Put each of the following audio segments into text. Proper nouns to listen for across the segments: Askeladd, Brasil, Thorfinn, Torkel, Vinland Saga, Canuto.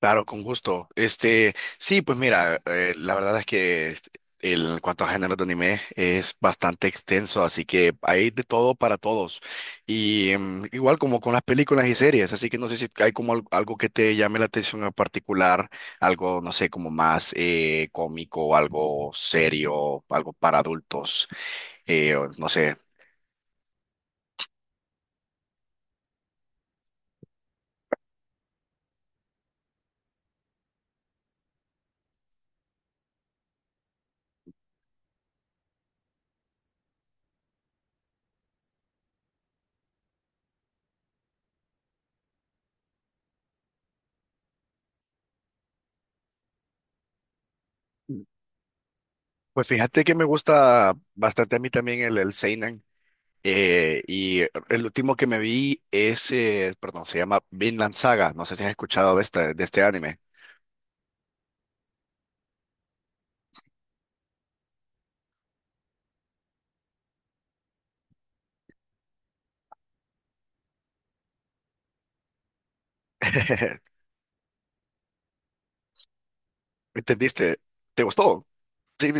Claro, con gusto. Sí, pues mira, la verdad es que en cuanto a géneros de anime es bastante extenso, así que hay de todo para todos. Y igual como con las películas y series, así que no sé si hay como algo que te llame la atención en particular, algo, no sé, como más cómico, algo serio, algo para adultos, o no sé. Pues fíjate que me gusta bastante a mí también el seinen. Y el último que me vi es, perdón, se llama Vinland Saga. No sé si has escuchado de de este anime. ¿Entendiste? ¿Te gustó? Sí,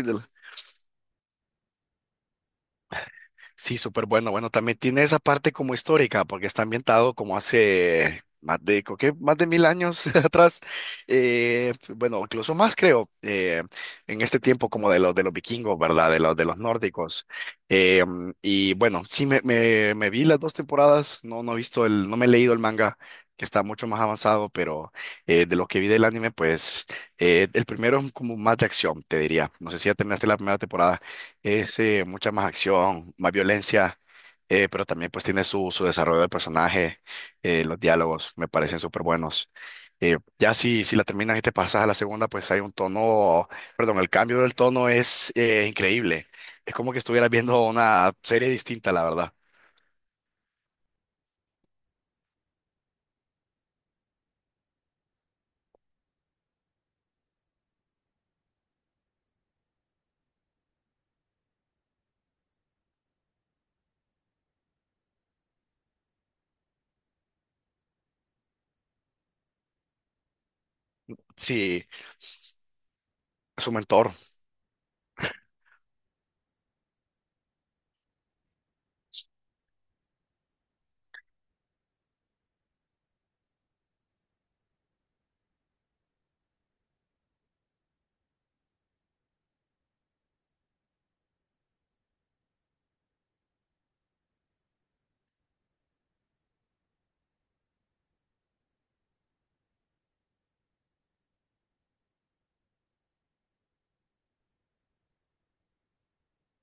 Sí, súper bueno. Bueno, también tiene esa parte como histórica, porque está ambientado como hace más de, creo que más de 1000 años atrás. Bueno, incluso más creo, en este tiempo como de los vikingos, ¿verdad? De los nórdicos. Y bueno, sí me vi las dos temporadas. No, no he visto el, no me he leído el manga, que está mucho más avanzado, pero de lo que vi del anime, pues el primero es como más de acción, te diría. No sé si ya terminaste la primera temporada. Es mucha más acción, más violencia, pero también pues tiene su desarrollo de personaje, los diálogos me parecen súper buenos. Ya si la terminas y te pasas a la segunda, pues hay un tono, perdón, el cambio del tono es increíble. Es como que estuvieras viendo una serie distinta, la verdad. Sí, su mentor.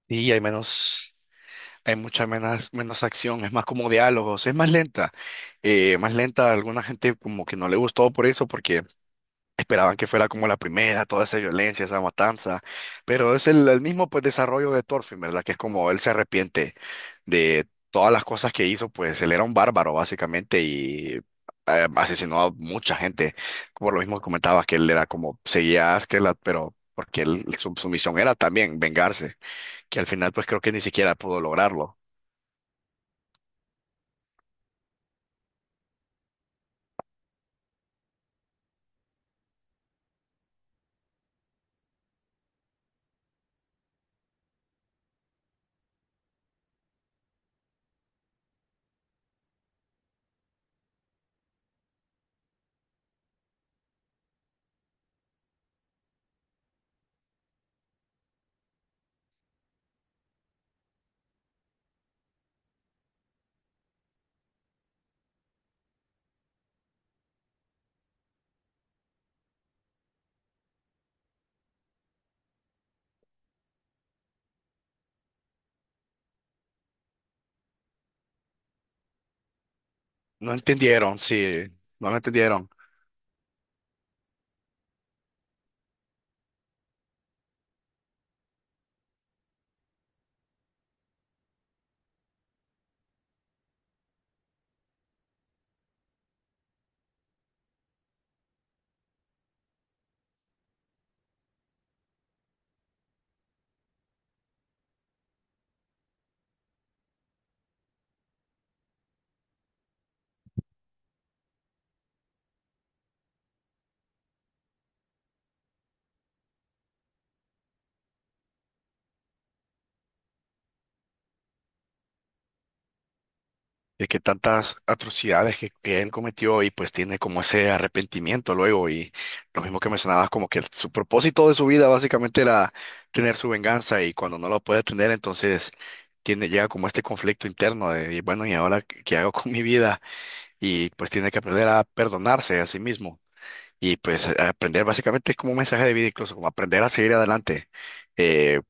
Y hay menos, hay mucha menos, menos acción, es más como diálogos, es más lenta. Más lenta, a alguna gente como que no le gustó por eso, porque esperaban que fuera como la primera, toda esa violencia, esa matanza, pero es el mismo pues desarrollo de Thorfinn, ¿verdad? Que es como él se arrepiente de todas las cosas que hizo, pues él era un bárbaro básicamente y asesinó a mucha gente, como lo mismo comentabas que él era como seguía a Askeladd, pero porque su misión era también vengarse, que al final pues creo que ni siquiera pudo lograrlo. No entendieron, sí, no lo entendieron. De que tantas atrocidades que él cometió y pues tiene como ese arrepentimiento luego y lo mismo que mencionabas como que su propósito de su vida básicamente era tener su venganza, y cuando no lo puede tener entonces tiene, llega como este conflicto interno de, y bueno, y ahora qué hago con mi vida. Y pues tiene que aprender a perdonarse a sí mismo y pues aprender, básicamente es como un mensaje de vida, incluso como aprender a seguir adelante, eh,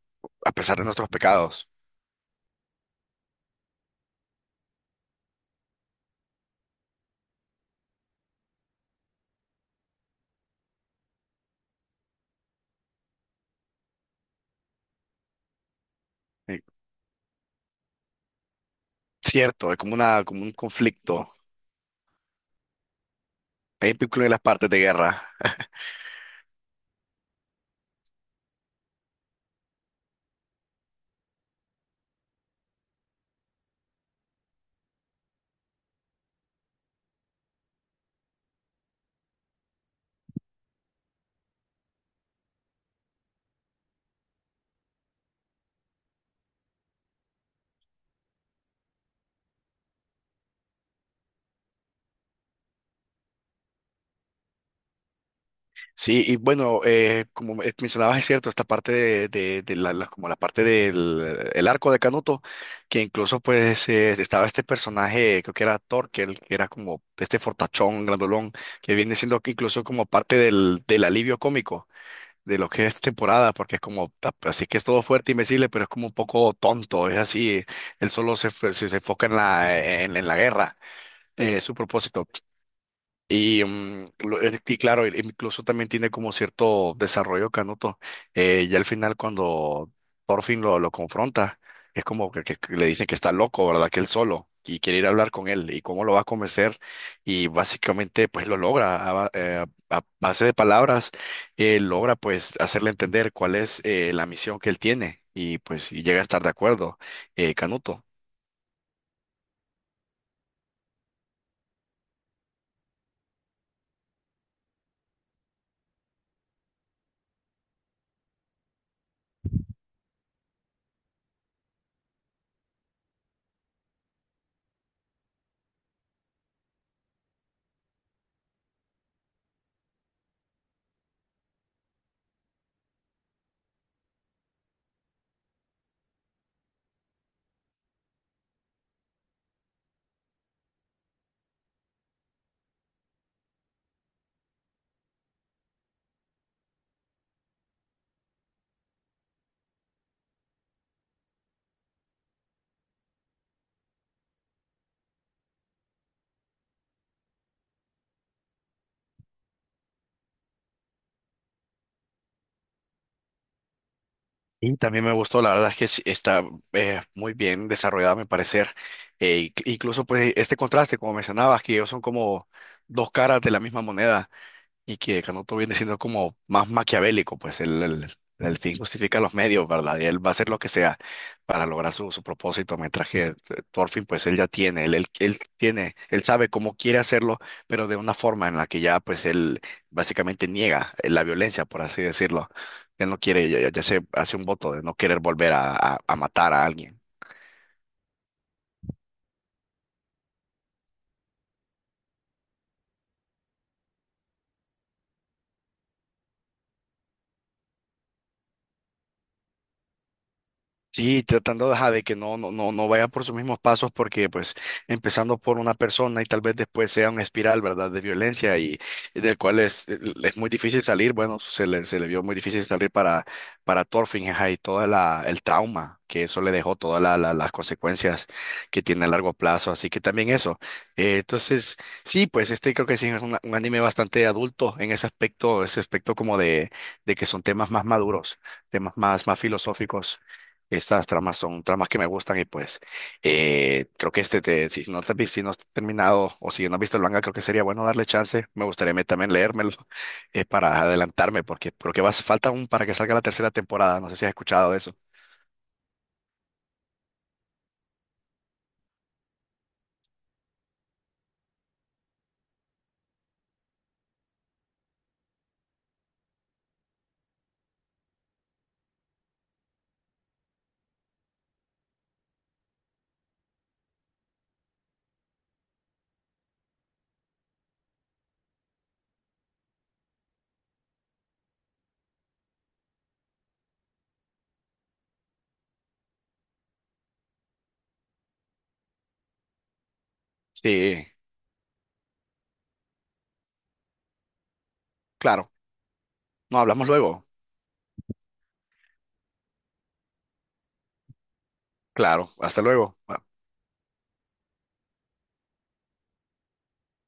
a pesar de nuestros pecados. Eh, Cierto, es como una, como un conflicto. Es vínculo en las partes de guerra. Sí, y bueno, como mencionabas, es cierto, esta parte de como la parte del el arco de Canuto, que incluso pues estaba este personaje, creo que era Torkel, que era como este fortachón, grandolón, que viene siendo que incluso como parte del alivio cómico de lo que es temporada, porque es como, pues, así que es todo fuerte y invencible, pero es como un poco tonto, es así, él solo se enfoca en en la guerra, su propósito. Y claro, incluso también tiene como cierto desarrollo Canuto. Ya al final cuando por fin lo confronta, es como que, que le dicen que está loco, ¿verdad? Que él solo y quiere ir a hablar con él y cómo lo va a convencer. Y básicamente pues lo logra a base de palabras, logra pues hacerle entender cuál es la misión que él tiene, y pues y llega a estar de acuerdo, Canuto. Y también me gustó, la verdad es que sí, está muy bien desarrollada, me parecer. Incluso pues este contraste, como mencionabas, que ellos son como dos caras de la misma moneda. Y que Canuto viene siendo como más maquiavélico, pues el fin justifica los medios, ¿verdad? Y él va a hacer lo que sea para lograr su propósito, mientras que Thorfinn, pues él ya tiene, él tiene, él sabe cómo quiere hacerlo, pero de una forma en la que ya, pues él básicamente niega la violencia, por así decirlo. Él no quiere, ya, ya se hace un voto de no querer volver a, a matar a alguien. Sí, tratando de ajá, de que no, no, no, no vaya por sus mismos pasos, porque pues empezando por una persona y tal vez después sea una espiral, ¿verdad? De violencia y del cual es muy difícil salir, bueno, se le vio muy difícil salir para Thorfinn, ajá, y todo el trauma que eso le dejó, todas las consecuencias que tiene a largo plazo, así que también eso. Entonces, sí, pues creo que sí es un anime bastante adulto en ese aspecto como de que son temas más maduros, más filosóficos. Estas tramas son tramas que me gustan y pues creo que si no te has si no has terminado, o si no has visto el manga, creo que sería bueno darle chance. Me gustaría a mí también leérmelo, para adelantarme, porque creo que va, falta aún para que salga la tercera temporada. No sé si has escuchado de eso. Sí, claro. No, hablamos luego. Claro, hasta luego.